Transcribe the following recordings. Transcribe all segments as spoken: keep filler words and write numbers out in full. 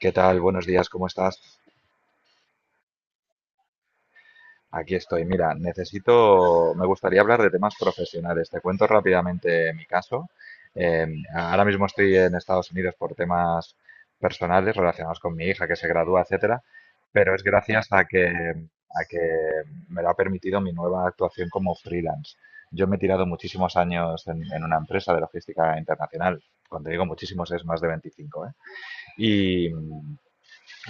¿Qué tal? Buenos días, ¿cómo estás? Aquí estoy. Mira, necesito, me gustaría hablar de temas profesionales. Te cuento rápidamente mi caso. Eh, ahora mismo estoy en Estados Unidos por temas personales relacionados con mi hija que se gradúa, etcétera, pero es gracias a que, a que me lo ha permitido mi nueva actuación como freelance. Yo me he tirado muchísimos años en, en una empresa de logística internacional. Cuando digo muchísimos es más de veinticinco, ¿eh?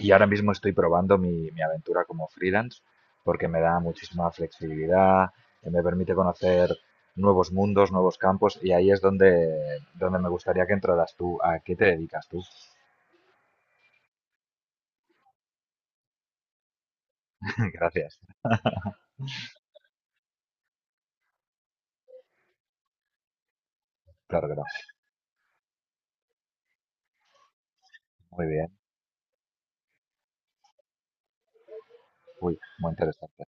Y ahora mismo estoy probando mi, mi aventura como freelance porque me da muchísima flexibilidad, eh, me permite conocer nuevos mundos, nuevos campos y ahí es donde, donde me gustaría que entraras tú. ¿A qué te dedicas tú? Gracias. Claro que no. Muy bien. Uy, muy interesante.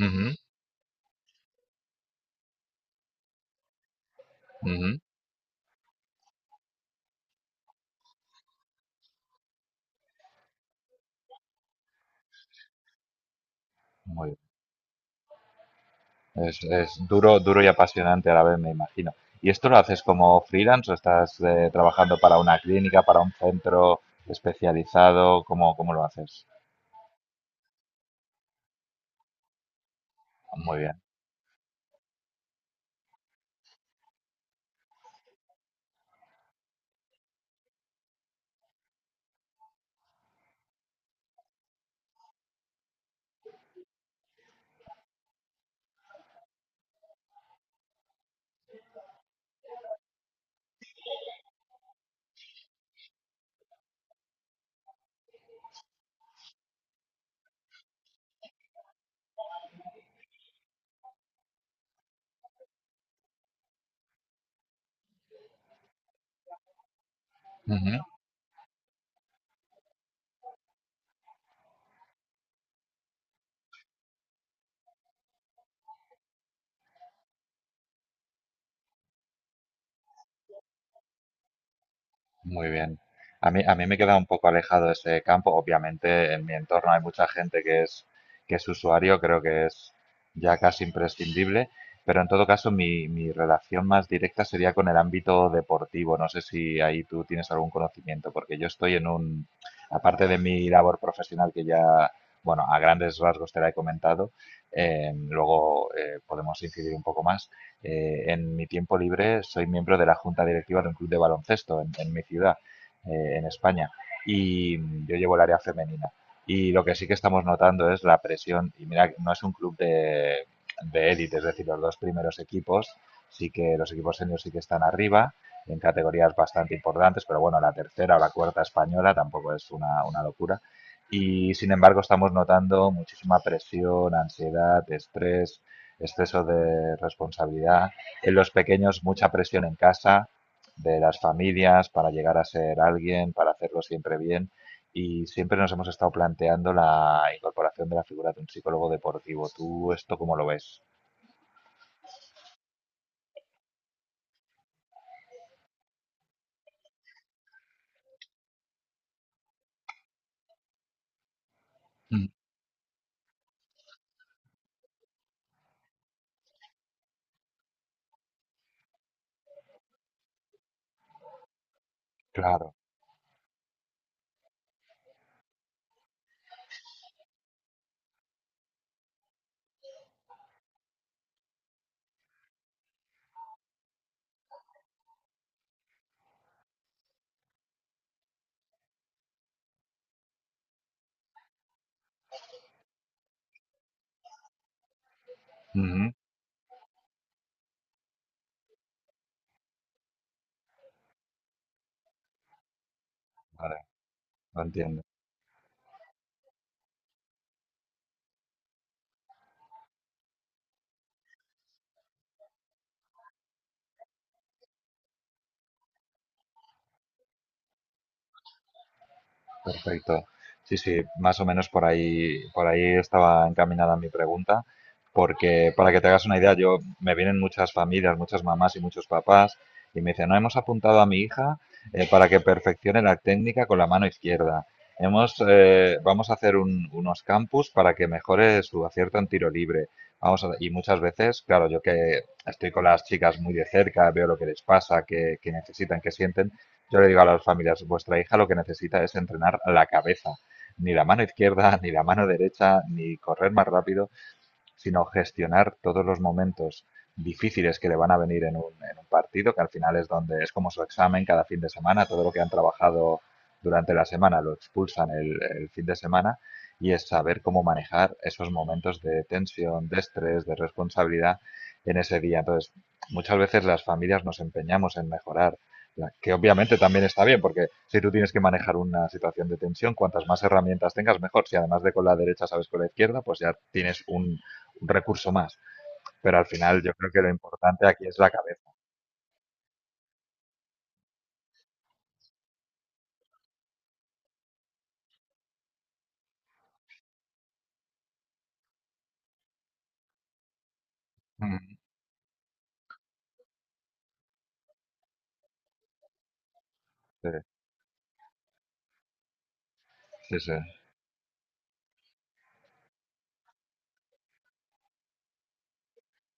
Ujú, ujú. Muy bien. Es, es duro, duro y apasionante a la vez, me imagino. ¿Y esto lo haces como freelance o estás eh, trabajando para una clínica, para un centro especializado? ¿Cómo, cómo lo haces? Muy bien. Muy bien. A mí, a mí me queda un poco alejado ese campo. Obviamente, en mi entorno hay mucha gente que es, que es usuario, creo que es ya casi imprescindible, pero en todo caso mi, mi relación más directa sería con el ámbito deportivo. No sé si ahí tú tienes algún conocimiento, porque yo estoy en un, aparte de mi labor profesional que ya, bueno, a grandes rasgos te la he comentado, eh, luego eh, podemos incidir un poco más eh, en mi tiempo libre soy miembro de la junta directiva de un club de baloncesto en, en mi ciudad, eh, en España, y yo llevo el área femenina. Y lo que sí que estamos notando es la presión, y mira, no es un club de, de élite, es decir, los dos primeros equipos, sí que los equipos seniors sí que están arriba, en categorías bastante importantes, pero bueno, la tercera o la cuarta española tampoco es una, una locura. Y sin embargo estamos notando muchísima presión, ansiedad, estrés, exceso de responsabilidad, en los pequeños mucha presión en casa, de las familias para llegar a ser alguien, para hacerlo siempre bien. Y siempre nos hemos estado planteando la incorporación de la figura de un psicólogo deportivo. ¿Tú esto cómo lo ves? Mm, claro, ujú. Vale, lo entiendo. Perfecto. Sí, sí, más o menos por ahí, por ahí estaba encaminada mi pregunta, porque para que te hagas una idea, yo me vienen muchas familias, muchas mamás y muchos papás, y me dicen, no hemos apuntado a mi hija eh, para que perfeccione la técnica con la mano izquierda. Hemos, eh, vamos a hacer un- unos campus para que mejore su acierto en tiro libre. Vamos a- y muchas veces, claro, yo que estoy con las chicas muy de cerca, veo lo que les pasa, qué, qué necesitan, qué sienten, yo le digo a las familias, vuestra hija lo que necesita es entrenar la cabeza, ni la mano izquierda, ni la mano derecha, ni correr más rápido, sino gestionar todos los momentos difíciles que le van a venir en un, en un partido, que al final es donde es como su examen cada fin de semana, todo lo que han trabajado durante la semana lo expulsan el, el fin de semana y es saber cómo manejar esos momentos de tensión, de estrés, de responsabilidad en ese día. Entonces, muchas veces las familias nos empeñamos en mejorar, la- que obviamente también está bien, porque si tú tienes que manejar una situación de tensión, cuantas más herramientas tengas, mejor. Si además de con la derecha sabes con la izquierda, pues ya tienes un, un recurso más. Pero al final yo creo que lo importante aquí es la cabeza. Sí, sí, sí,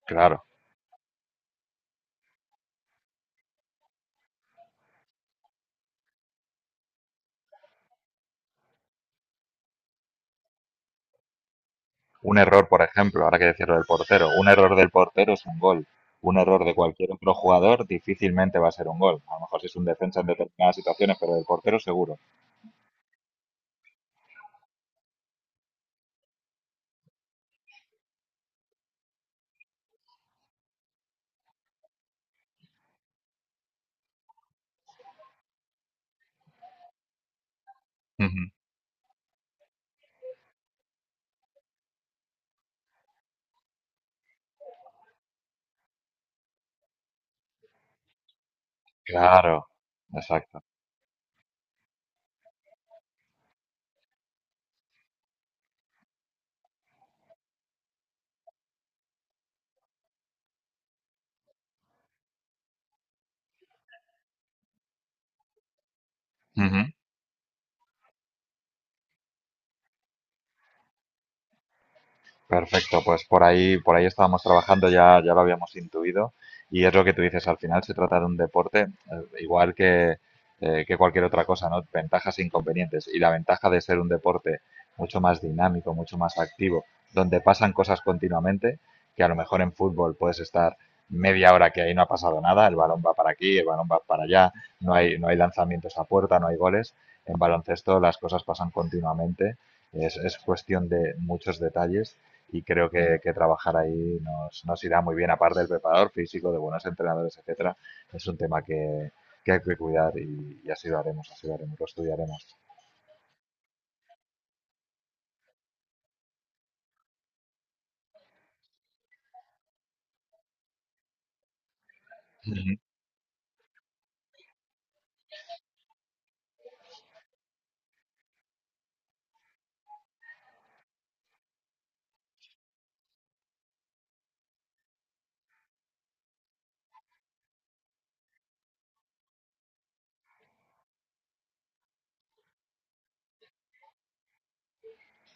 claro. Un error, por ejemplo, ahora que decirlo del portero, un error del portero es un gol. Un error de cualquier otro jugador difícilmente va a ser un gol. A lo mejor si es un defensa en determinadas situaciones, pero del portero seguro. Ujú. Claro, exacto. Ujú. Perfecto, pues por ahí, por ahí estábamos trabajando, ya, ya lo habíamos intuido, y es lo que tú dices, al final se trata de un deporte eh, igual que, eh, que cualquier otra cosa, ¿no? Ventajas e inconvenientes, y la ventaja de ser un deporte mucho más dinámico, mucho más activo, donde pasan cosas continuamente, que a lo mejor en fútbol puedes estar media hora que ahí no ha pasado nada, el balón va para aquí, el balón va para allá, no hay, no hay lanzamientos a puerta, no hay goles, en baloncesto las cosas pasan continuamente, es, es cuestión de muchos detalles y creo que, que trabajar ahí nos, nos irá muy bien, aparte del preparador físico, de buenos entrenadores, etcétera. Es un tema que, que hay que cuidar y, y así lo haremos, así lo haremos, lo estudiaremos. Ujú,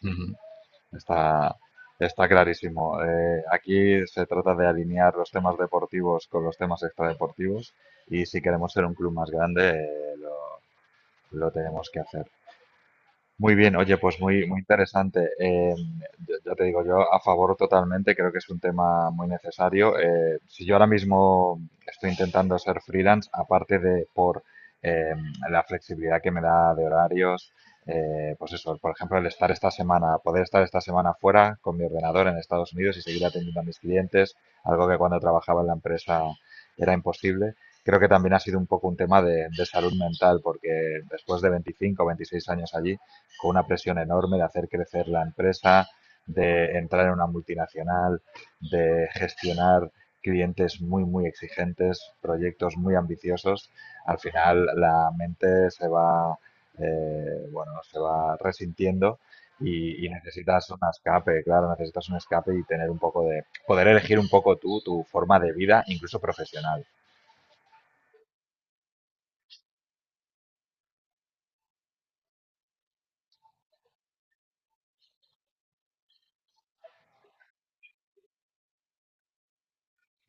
ujú. Está, está clarísimo. Eh, aquí se trata de alinear los temas deportivos con los temas extradeportivos y si queremos ser un club más grande, eh, lo, lo tenemos que hacer. Muy bien, oye, pues muy, muy interesante. Eh, yo- ya te digo, yo a favor totalmente, creo que es un tema muy necesario. Eh, si yo ahora mismo estoy intentando ser freelance, aparte de por eh, la flexibilidad que me da de horarios, eh, pues eso, por ejemplo, el estar esta semana, poder estar esta semana fuera con mi ordenador en Estados Unidos y seguir atendiendo a mis clientes, algo que cuando trabajaba en la empresa era imposible. Creo que también ha sido un poco un tema de, de salud mental, porque después de veinticinco o veintiséis años allí, con una presión enorme de hacer crecer la empresa, de entrar en una multinacional, de gestionar clientes muy, muy exigentes, proyectos muy ambiciosos, al final la mente se va, eh, bueno, se va resintiendo y, y necesitas un escape, claro, necesitas un escape y tener un poco de, poder elegir un poco tú, tu forma de vida, incluso profesional.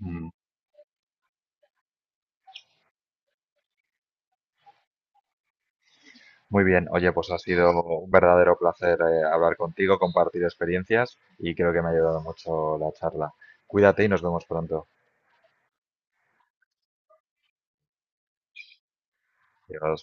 Mm. Muy bien, oye, pues ha sido un verdadero placer eh, hablar contigo, compartir experiencias y creo que me ha ayudado mucho la charla. Cuídate y nos vemos pronto. Adiós.